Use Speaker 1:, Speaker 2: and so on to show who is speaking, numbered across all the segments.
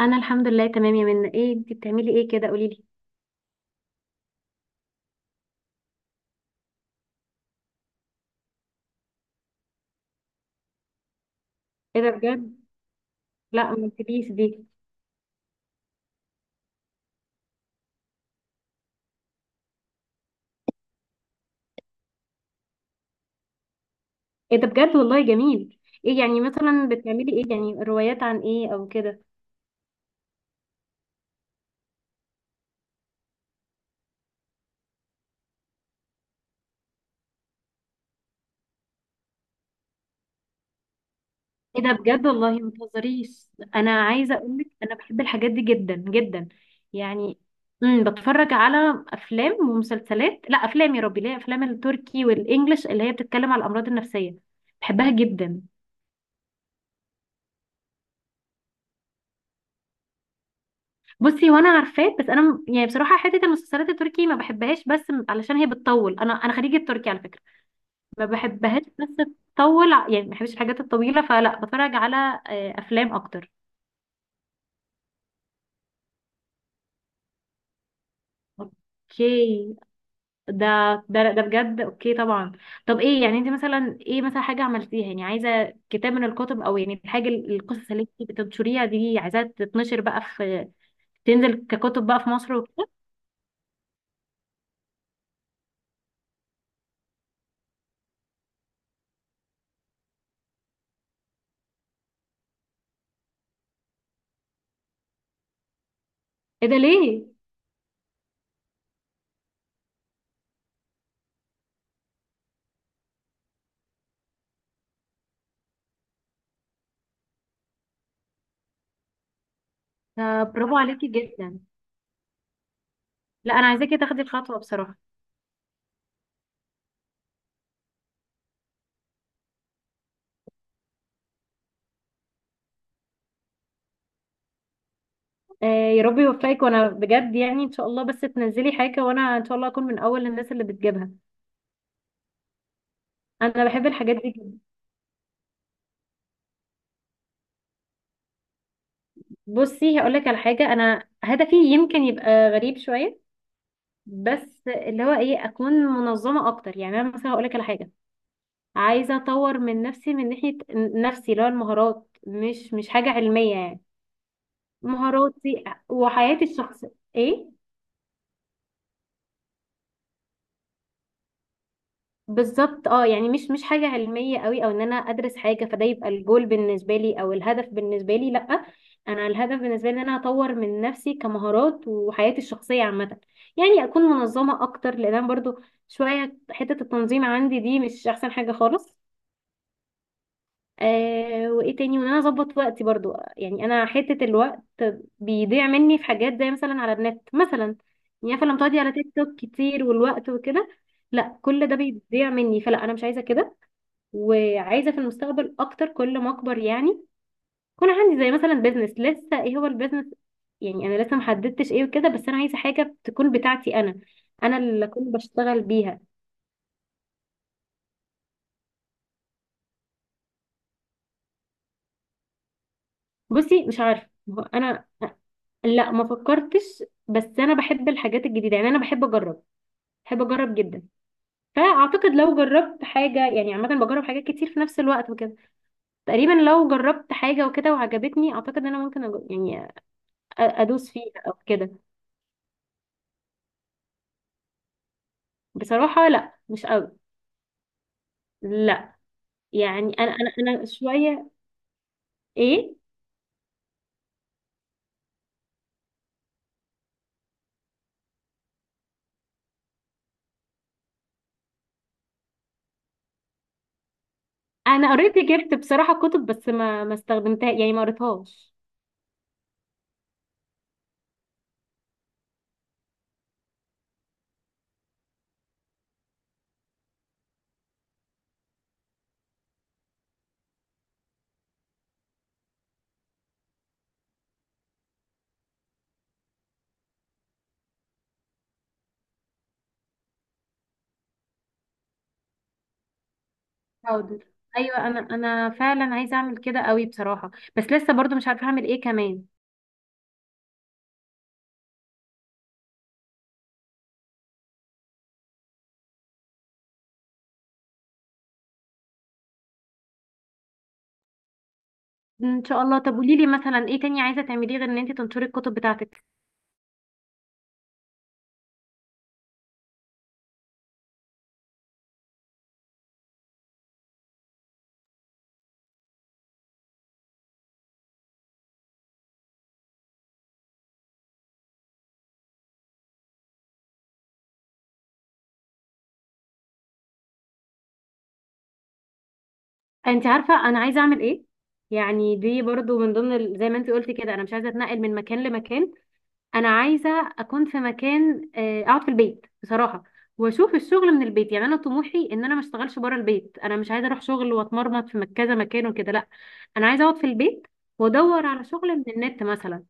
Speaker 1: انا الحمد لله تمام يا منى. ايه انت بتعملي ايه كده؟ قولي لي. ايه ده بجد؟ لا ما قلتليش دي. ايه ده بجد والله جميل. ايه يعني مثلا بتعملي ايه؟ يعني روايات عن ايه او كده؟ ايه ده بجد والله ما تهزريش. انا عايزه اقول لك انا بحب الحاجات دي جدا جدا. يعني بتفرج على افلام ومسلسلات. لا افلام، يا ربي ليه، افلام التركي والانجليش اللي هي بتتكلم على الامراض النفسيه، بحبها جدا. بصي وانا عارفاه، بس انا يعني بصراحه حته المسلسلات التركي ما بحبهاش، بس علشان هي بتطول. انا خريجه تركي على فكره. ما بحبهاش، بس تطول. يعني ما بحبش الحاجات الطويله، فلا بتفرج على افلام اكتر. اوكي. ده ده بجد، اوكي طبعا. طب ايه يعني انت مثلا، ايه مثلا حاجه عملتيها يعني، عايزه كتاب من الكتب؟ او يعني الحاجه القصص اللي انت بتنشريها دي عايزاها تتنشر بقى في، تنزل ككتب بقى في مصر وكده؟ ايه ده ليه؟ ده برافو عليكي جدا. لا انا عايزاكي تاخدي الخطوه بصراحه. يا رب يوفقك، وانا بجد يعني ان شاء الله بس تنزلي حاجه وانا ان شاء الله اكون من اول الناس اللي بتجيبها. انا بحب الحاجات دي جدا. بصي هقول لك على حاجه، انا هدفي يمكن يبقى غريب شويه، بس اللي هو ايه، اكون منظمه اكتر. يعني انا مثلا هقول لك على حاجه، عايزه اطور من نفسي من ناحيه نفسي، اللي هو المهارات، مش حاجه علميه يعني، مهاراتي وحياتي الشخصيه. ايه بالظبط، اه يعني مش حاجة علمية قوي او ان انا ادرس حاجة، فده يبقى الجول بالنسبة لي او الهدف بالنسبة لي. لا، انا الهدف بالنسبة لي ان انا اطور من نفسي كمهارات وحياتي الشخصية عامة. يعني اكون منظمة اكتر، لان انا برضو شوية حتة التنظيم عندي دي مش احسن حاجة خالص. آه، وايه تاني، وان انا اظبط وقتي برضو، يعني انا حتة الوقت بيضيع مني في حاجات، زي مثلا على النت مثلا، يعني فلما تقعدي على تيك توك كتير والوقت وكده، لا كل ده بيضيع مني، فلا انا مش عايزة كده. وعايزه في المستقبل اكتر كل ما اكبر يعني يكون عندي زي مثلا بيزنس. لسه ايه هو البيزنس؟ يعني انا لسه محددتش ايه وكده، بس انا عايزه حاجه تكون بتاعتي انا، انا اللي اكون بشتغل بيها. بصي مش عارفه، هو انا لا ما فكرتش، بس انا بحب الحاجات الجديده يعني، انا بحب اجرب، بحب اجرب جدا. فاعتقد لو جربت حاجه يعني عامه، بجرب حاجات كتير في نفس الوقت وكده، تقريبا لو جربت حاجه وكده وعجبتني، اعتقد ان انا ممكن ادوس فيها او كده. بصراحه لا، مش قوي. لا يعني انا شويه. ايه، انا قريت، جبت بصراحه كتب بس ما استخدمتها يعني، ما قريتهاش. باودر، ايوه انا انا فعلا عايزه اعمل كده قوي بصراحه، بس لسه برضو مش عارفه اعمل ايه كمان. ان شاء الله. طب قولي لي مثلا ايه تاني عايزه تعمليه غير ان انت تنشري الكتب بتاعتك؟ انت عارفه انا عايزه اعمل ايه، يعني دي برضو من ضمن زي ما انت قلتي كده، انا مش عايزه اتنقل من مكان لمكان. انا عايزه اكون في مكان، اقعد في البيت بصراحه واشوف الشغل من البيت. يعني انا طموحي ان انا ما اشتغلش بره البيت، انا مش عايزه اروح شغل واتمرمط في كذا مكان وكده. لا، انا عايزه اقعد في البيت وادور على شغل من النت مثلا.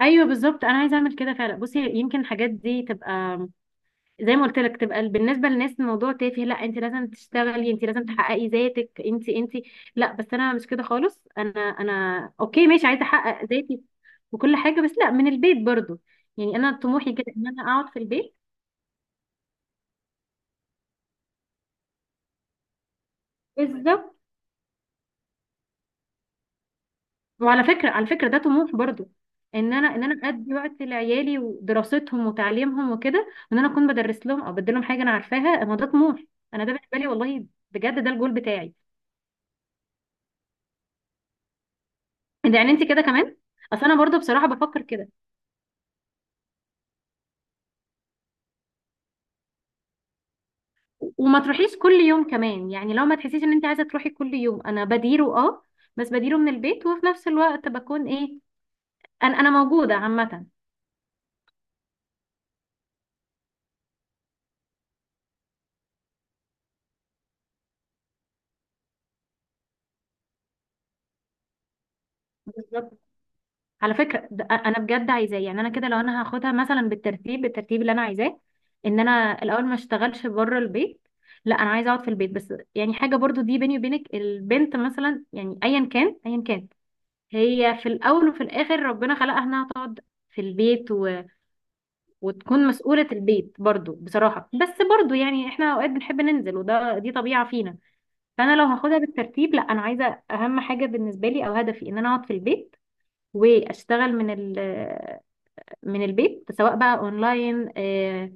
Speaker 1: ايوه بالظبط، انا عايزه اعمل كده فعلا. بصي يمكن الحاجات دي تبقى، زي ما قلت لك، تبقى بالنسبه للناس الموضوع تافه، لا انت لازم تشتغلي، انت لازم تحققي ذاتك انت انت. لا بس انا مش كده خالص، انا اوكي ماشي، عايزه احقق ذاتي وكل حاجه، بس لا، من البيت برضو. يعني انا طموحي كده ان انا اقعد في البيت. بالظبط. وعلى فكره ده طموح برضو، ان انا، ان انا ادي وقت لعيالي ودراستهم وتعليمهم وكده، وان انا اكون بدرس لهم او بدي لهم حاجه انا عارفاها، ما ده طموح. انا ده بالنسبه لي والله، بجد ده الجول بتاعي. ده يعني انت كده كمان. اصل انا برضو بصراحه بفكر كده. وما تروحيش كل يوم كمان يعني، لو ما تحسيش ان انت عايزه تروحي كل يوم، انا بديره. اه بس بديره من البيت، وفي نفس الوقت بكون ايه، انا موجوده عامه. بالظبط. على فكره ده انا بجد عايزاه، يعني انا كده لو انا هاخدها مثلا بالترتيب، بالترتيب اللي انا عايزاه، ان انا الاول ما اشتغلش بره البيت، لا انا عايزه اقعد في البيت. بس يعني حاجه برضو دي بيني وبينك، البنت مثلا يعني ايا كان هي في الاول وفي الاخر ربنا خلقها انها تقعد في البيت وتكون مسؤولة البيت برضو بصراحة، بس برضو يعني احنا اوقات بنحب ننزل، وده دي طبيعة فينا. فانا لو هاخدها بالترتيب، لا انا عايزة اهم حاجة بالنسبة لي او هدفي ان انا اقعد في البيت واشتغل من من البيت، سواء بقى اونلاين،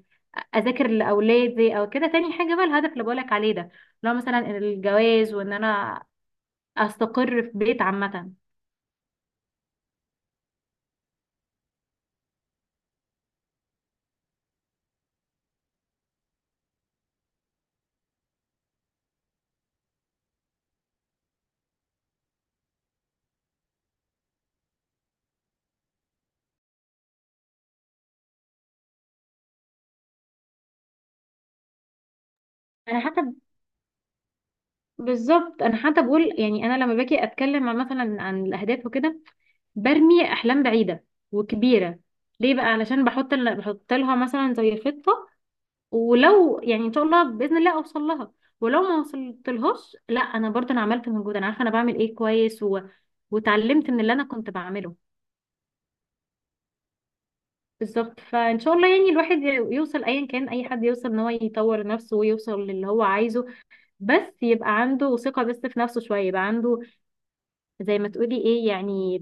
Speaker 1: اذاكر لاولادي او كده. تاني حاجة بقى الهدف اللي بقولك عليه ده، لو مثلا الجواز، وان انا استقر في بيت عامة. انا حتى ب- بالظبط، انا حتى بقول يعني، انا لما باجي اتكلم عن مثلا عن الاهداف وكده، برمي احلام بعيده وكبيره. ليه بقى؟ علشان بحط بحط لها مثلا زي خطه، ولو يعني ان شاء الله باذن الله اوصل لها، ولو ما وصلت لهاش، لا انا برضه انا عملت مجهود، انا عارفه انا بعمل ايه كويس، و... وتعلمت من اللي انا كنت بعمله. بالظبط، فان شاء الله يعني الواحد يوصل، ايا كان اي حد، يوصل ان هو يطور نفسه ويوصل للي هو عايزه. بس يبقى عنده ثقه، بس في نفسه شويه، يبقى عنده، زي ما تقولي ايه يعني،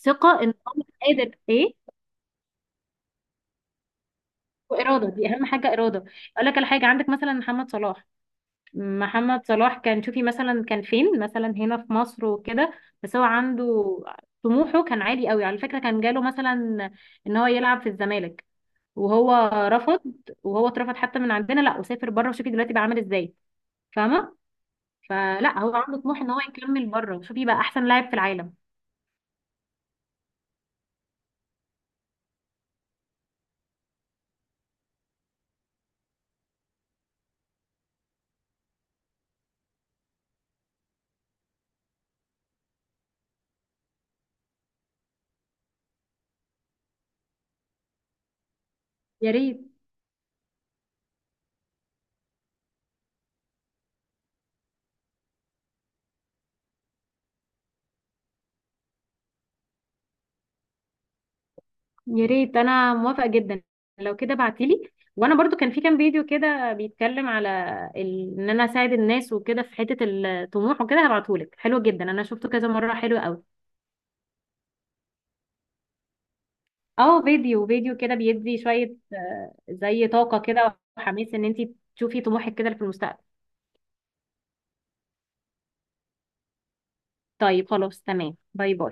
Speaker 1: ثقه ان هو قادر. ايه، واراده. دي اهم حاجه، اراده. اقول لك على حاجه، عندك مثلا محمد صلاح، محمد صلاح كان، شوفي مثلا كان فين، مثلا هنا في مصر وكده، بس هو عنده طموحه كان عالي قوي. على فكره كان جاله مثلا ان هو يلعب في الزمالك، وهو رفض، وهو اترفض حتى من عندنا، لا وسافر بره، وشوفي دلوقتي بقى عامل ازاي. فاهمه؟ فلا هو عنده طموح ان هو يكمل بره، شوفي بقى احسن لاعب في العالم. يا ريت. يا ريت، انا موافقه جدا. لو كده بعتيلي، وانا برضو كان في كام فيديو كده بيتكلم على ان انا اساعد الناس وكده في حته الطموح وكده، هبعتهولك. حلو جدا، انا شفته كذا مره، حلو قوي. اه، فيديو كده بيدي شويه، زي طاقه كده وحماس ان انتي تشوفي طموحك كده في المستقبل. طيب خلاص تمام، باي باي.